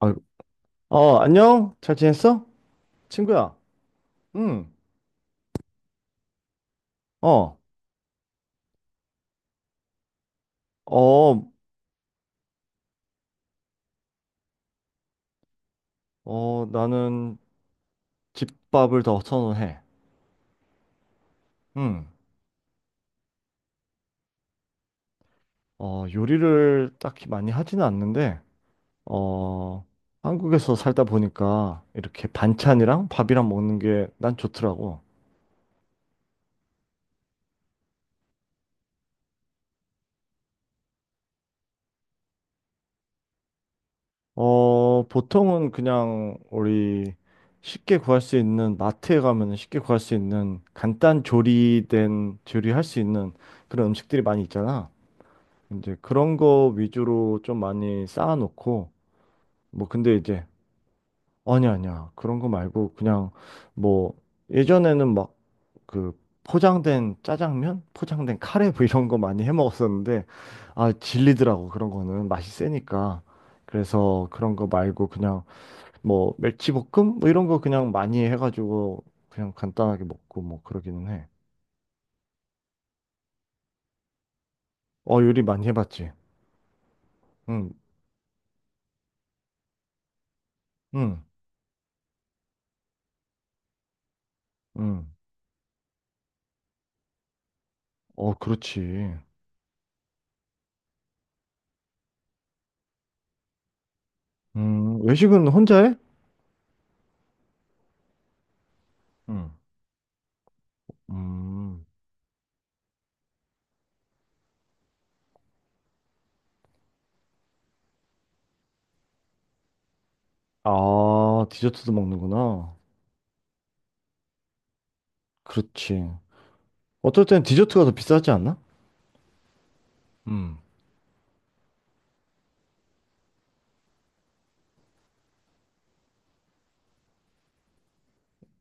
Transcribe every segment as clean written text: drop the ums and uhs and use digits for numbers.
아, 안녕? 잘 지냈어, 친구야? 응. 어, 어, 나는 집밥을 더 선호해. 응. 어, 요리를 딱히 많이 하지는 않는데, 어, 한국에서 살다 보니까 이렇게 반찬이랑 밥이랑 먹는 게 난 좋더라고. 어, 보통은 그냥 우리 쉽게 구할 수 있는 마트에 가면 쉽게 구할 수 있는 간단 조리된 조리할 수 있는 그런 음식들이 많이 있잖아. 이제 그런 거 위주로 좀 많이 쌓아놓고, 뭐, 근데 이제, 아니, 아니야. 그런 거 말고, 그냥, 뭐, 예전에는 막, 그, 포장된 짜장면? 포장된 카레? 뭐 이런 거 많이 해 먹었었는데, 아, 질리더라고. 그런 거는. 맛이 세니까. 그래서 그런 거 말고, 그냥, 뭐, 멸치볶음? 뭐 이런 거 그냥 많이 해가지고, 그냥 간단하게 먹고, 뭐, 그러기는 해. 어, 요리 많이 해봤지. 응, 응, 응. 어, 그렇지. 외식은 혼자 해? 응. 음. 아, 디저트도 먹는구나. 그렇지. 어떨 땐 디저트가 더 비싸지 않나? 응.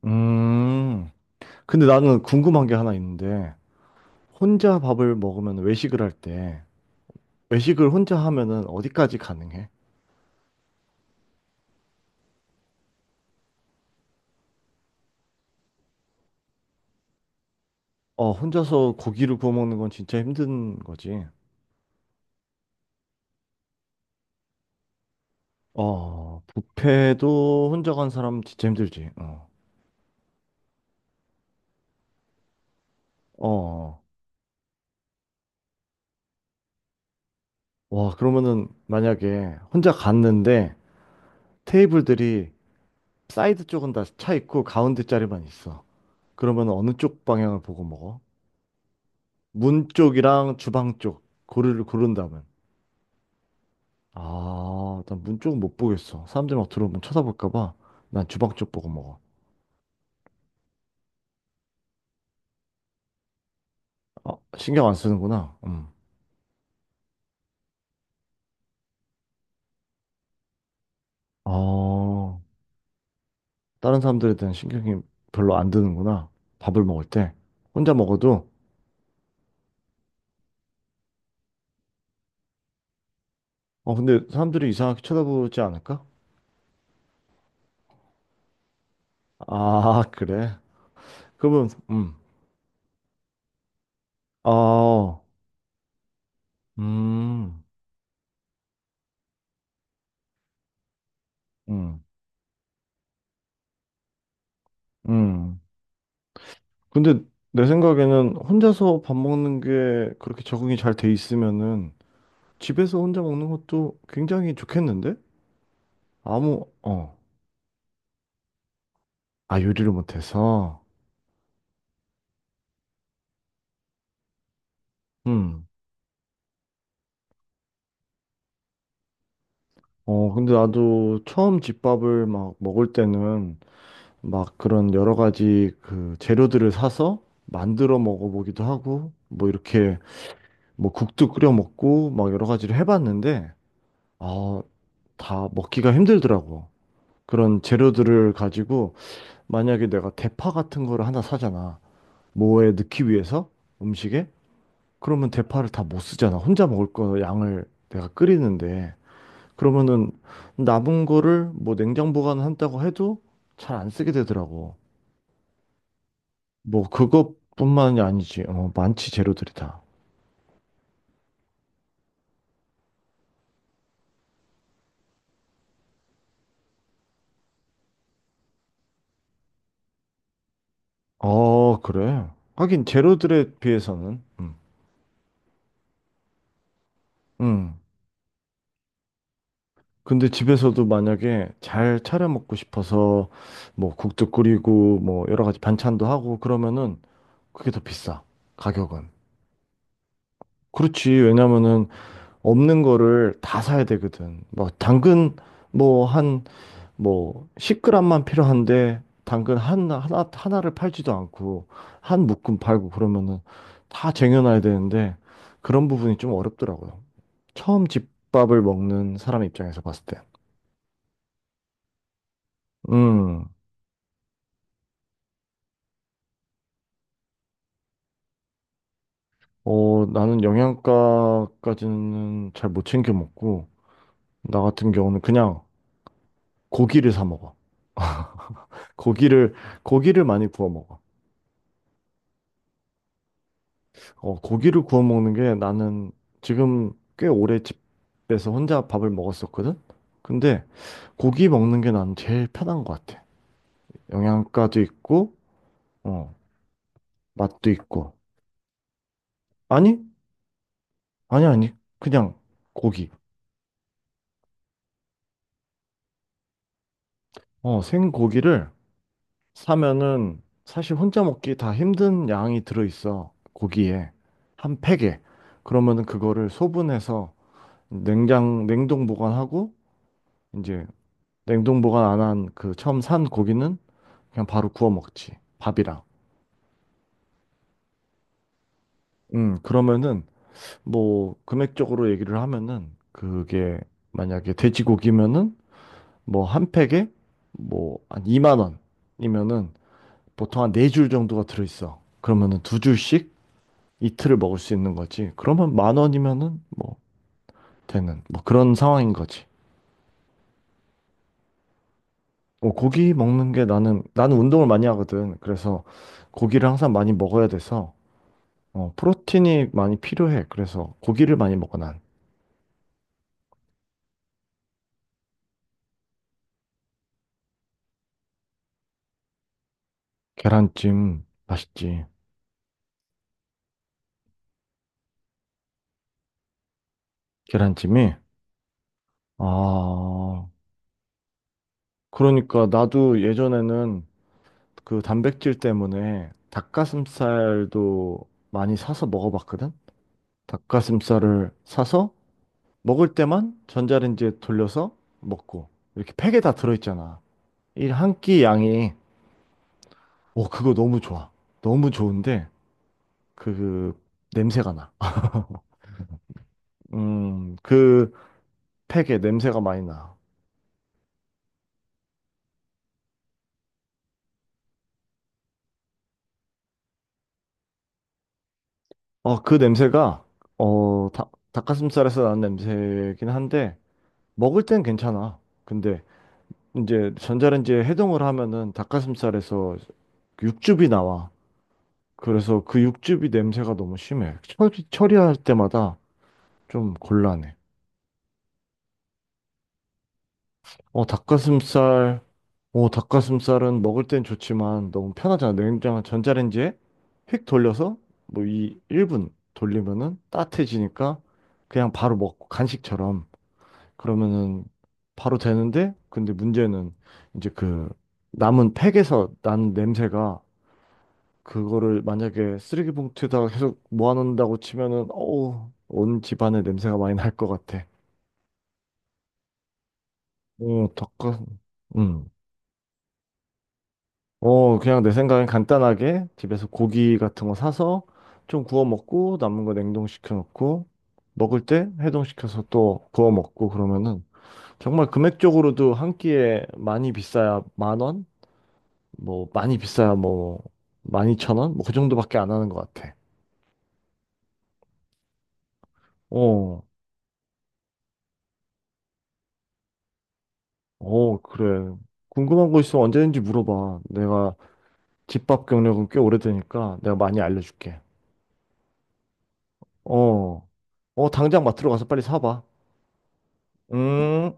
음. 근데 나는 궁금한 게 하나 있는데, 혼자 밥을 먹으면, 외식을 할 때, 외식을 혼자 하면은 어디까지 가능해? 어, 혼자서 고기를 구워 먹는 건 진짜 힘든 거지. 어, 뷔페도 혼자 간 사람 진짜 힘들지. 어. 어. 와, 그러면은 만약에 혼자 갔는데, 테이블들이 사이드 쪽은 다 차 있고 가운데 자리만 있어. 그러면 어느 쪽 방향을 보고 먹어? 문 쪽이랑 주방 쪽 고르를 고른다면. 아, 난 문 쪽은 못 보겠어. 사람들이 막 들어오면 쳐다볼까 봐. 난 주방 쪽 보고 먹어. 아, 신경 안 쓰는구나. 음. 어, 다른 사람들에 대한 신경이 별로 안 드는구나. 밥을 먹을 때. 혼자 먹어도. 어, 근데 사람들이 이상하게 쳐다보지 않을까? 아, 그래. 그러면, 어, 음. 음, 음. 근데 내 생각에는 혼자서 밥 먹는 게 그렇게 적응이 잘 돼 있으면은 집에서 혼자 먹는 것도 굉장히 좋겠는데? 아무, 어, 아, 요리를 못해서. 음. 어, 근데 나도 처음 집밥을 막 먹을 때는 막 그런 여러 가지 그 재료들을 사서 만들어 먹어보기도 하고, 뭐 이렇게 뭐 국도 끓여 먹고 막 여러 가지를 해봤는데, 아, 다 먹기가 힘들더라고. 그런 재료들을 가지고. 만약에 내가 대파 같은 거를 하나 사잖아. 뭐에 넣기 위해서. 음식에? 그러면 대파를 다 못 쓰잖아. 혼자 먹을 거 양을 내가 끓이는데. 그러면은 남은 거를 뭐 냉장 보관한다고 해도 잘 안 쓰게 되더라고. 뭐 그것뿐만이 아니지. 어, 많지 재료들이 다. 어, 그래. 하긴 재료들에 비해서는. 음. 음. 근데 집에서도 만약에 잘 차려 먹고 싶어서 뭐 국도 끓이고 뭐 여러 가지 반찬도 하고 그러면은 그게 더 비싸. 가격은. 그렇지. 왜냐면은 없는 거를 다 사야 되거든. 뭐 당근 뭐 한 뭐 10g만 필요한데, 당근 하나 하나 하나를 팔지도 않고 한 묶음 팔고 그러면은 다 쟁여놔야 되는데 그런 부분이 좀 어렵더라고요. 처음 집밥을 먹는 사람 입장에서 봤을 때. 음. 어, 나는 영양가까지는 잘 못 챙겨 먹고, 나 같은 경우는 그냥 고기를 사 먹어. 고기를, 고기를 많이 구워 먹어. 어, 고기를 구워 먹는 게 나는 지금 꽤 오래 집에서 혼자 밥을 먹었었거든? 근데 고기 먹는 게 난 제일 편한 것 같아. 영양가도 있고, 어, 맛도 있고. 아니? 아니, 아니. 그냥 고기. 어, 생고기를 사면은 사실 혼자 먹기 다 힘든 양이 들어있어. 고기에. 한 팩에. 그러면은 그거를 소분해서 냉장, 냉동 보관하고 이제 냉동 보관 안한 그 처음 산 고기는 그냥 바로 구워 먹지. 밥이랑. 그러면은 뭐 금액적으로 얘기를 하면은 그게 만약에 돼지고기면은 뭐 한 팩에 뭐 한 2만 원이면은 보통 한 4줄 정도가 들어있어. 그러면은 2줄씩 이틀을 먹을 수 있는 거지. 그러면 만 원이면은 뭐 되는 뭐 그런 상황인 거지. 뭐 고기 먹는 게 나는 운동을 많이 하거든. 그래서 고기를 항상 많이 먹어야 돼서 어, 프로틴이 많이 필요해. 그래서 고기를 많이 먹어, 난. 계란찜 맛있지. 계란찜이. 아, 그러니까 나도 예전에는 그 단백질 때문에 닭가슴살도 많이 사서 먹어봤거든. 닭가슴살을 사서 먹을 때만 전자레인지에 돌려서 먹고. 이렇게 팩에 다 들어있잖아, 이 한 끼 양이. 오, 그거 너무 좋아. 너무 좋은데 그, 그 냄새가 나. 그 팩에 냄새가 많이 나. 어, 그 냄새가 어, 닭, 닭가슴살에서 나는 냄새긴 한데, 먹을 땐 괜찮아. 근데 이제 전자레인지에 해동을 하면은 닭가슴살에서 육즙이 나와. 그래서 그 육즙이 냄새가 너무 심해. 처리할 때마다 좀 곤란해. 어, 닭가슴살, 어, 닭가슴살은 먹을 땐 좋지만 너무 편하잖아. 냉장, 전자레인지에 휙 돌려서 뭐 이 1분 돌리면은 따뜻해지니까 그냥 바로 먹고 간식처럼 그러면은 바로 되는데, 근데 문제는 이제 그 남은 팩에서 나는 냄새가, 그거를 만약에 쓰레기 봉투에다가 계속 모아놓는다고 치면은 어우, 온 집안에 냄새가 많이 날 것 같아. 어, 닭가슴, 어, 그냥 내 생각엔 간단하게 집에서 고기 같은 거 사서 좀 구워 먹고 남은 거 냉동시켜 놓고 먹을 때 해동시켜서 또 구워 먹고 그러면은 정말 금액적으로도 한 끼에 많이 비싸야 10,000원? 뭐 많이 비싸야 뭐 12,000원? 뭐 그 정도밖에 안 하는 것 같아. 어, 어, 그래. 궁금한 거 있으면 언제든지 물어봐. 내가 집밥 경력은 꽤 오래되니까 내가 많이 알려줄게. 어, 어, 당장 마트로 가서 빨리 사봐. 음.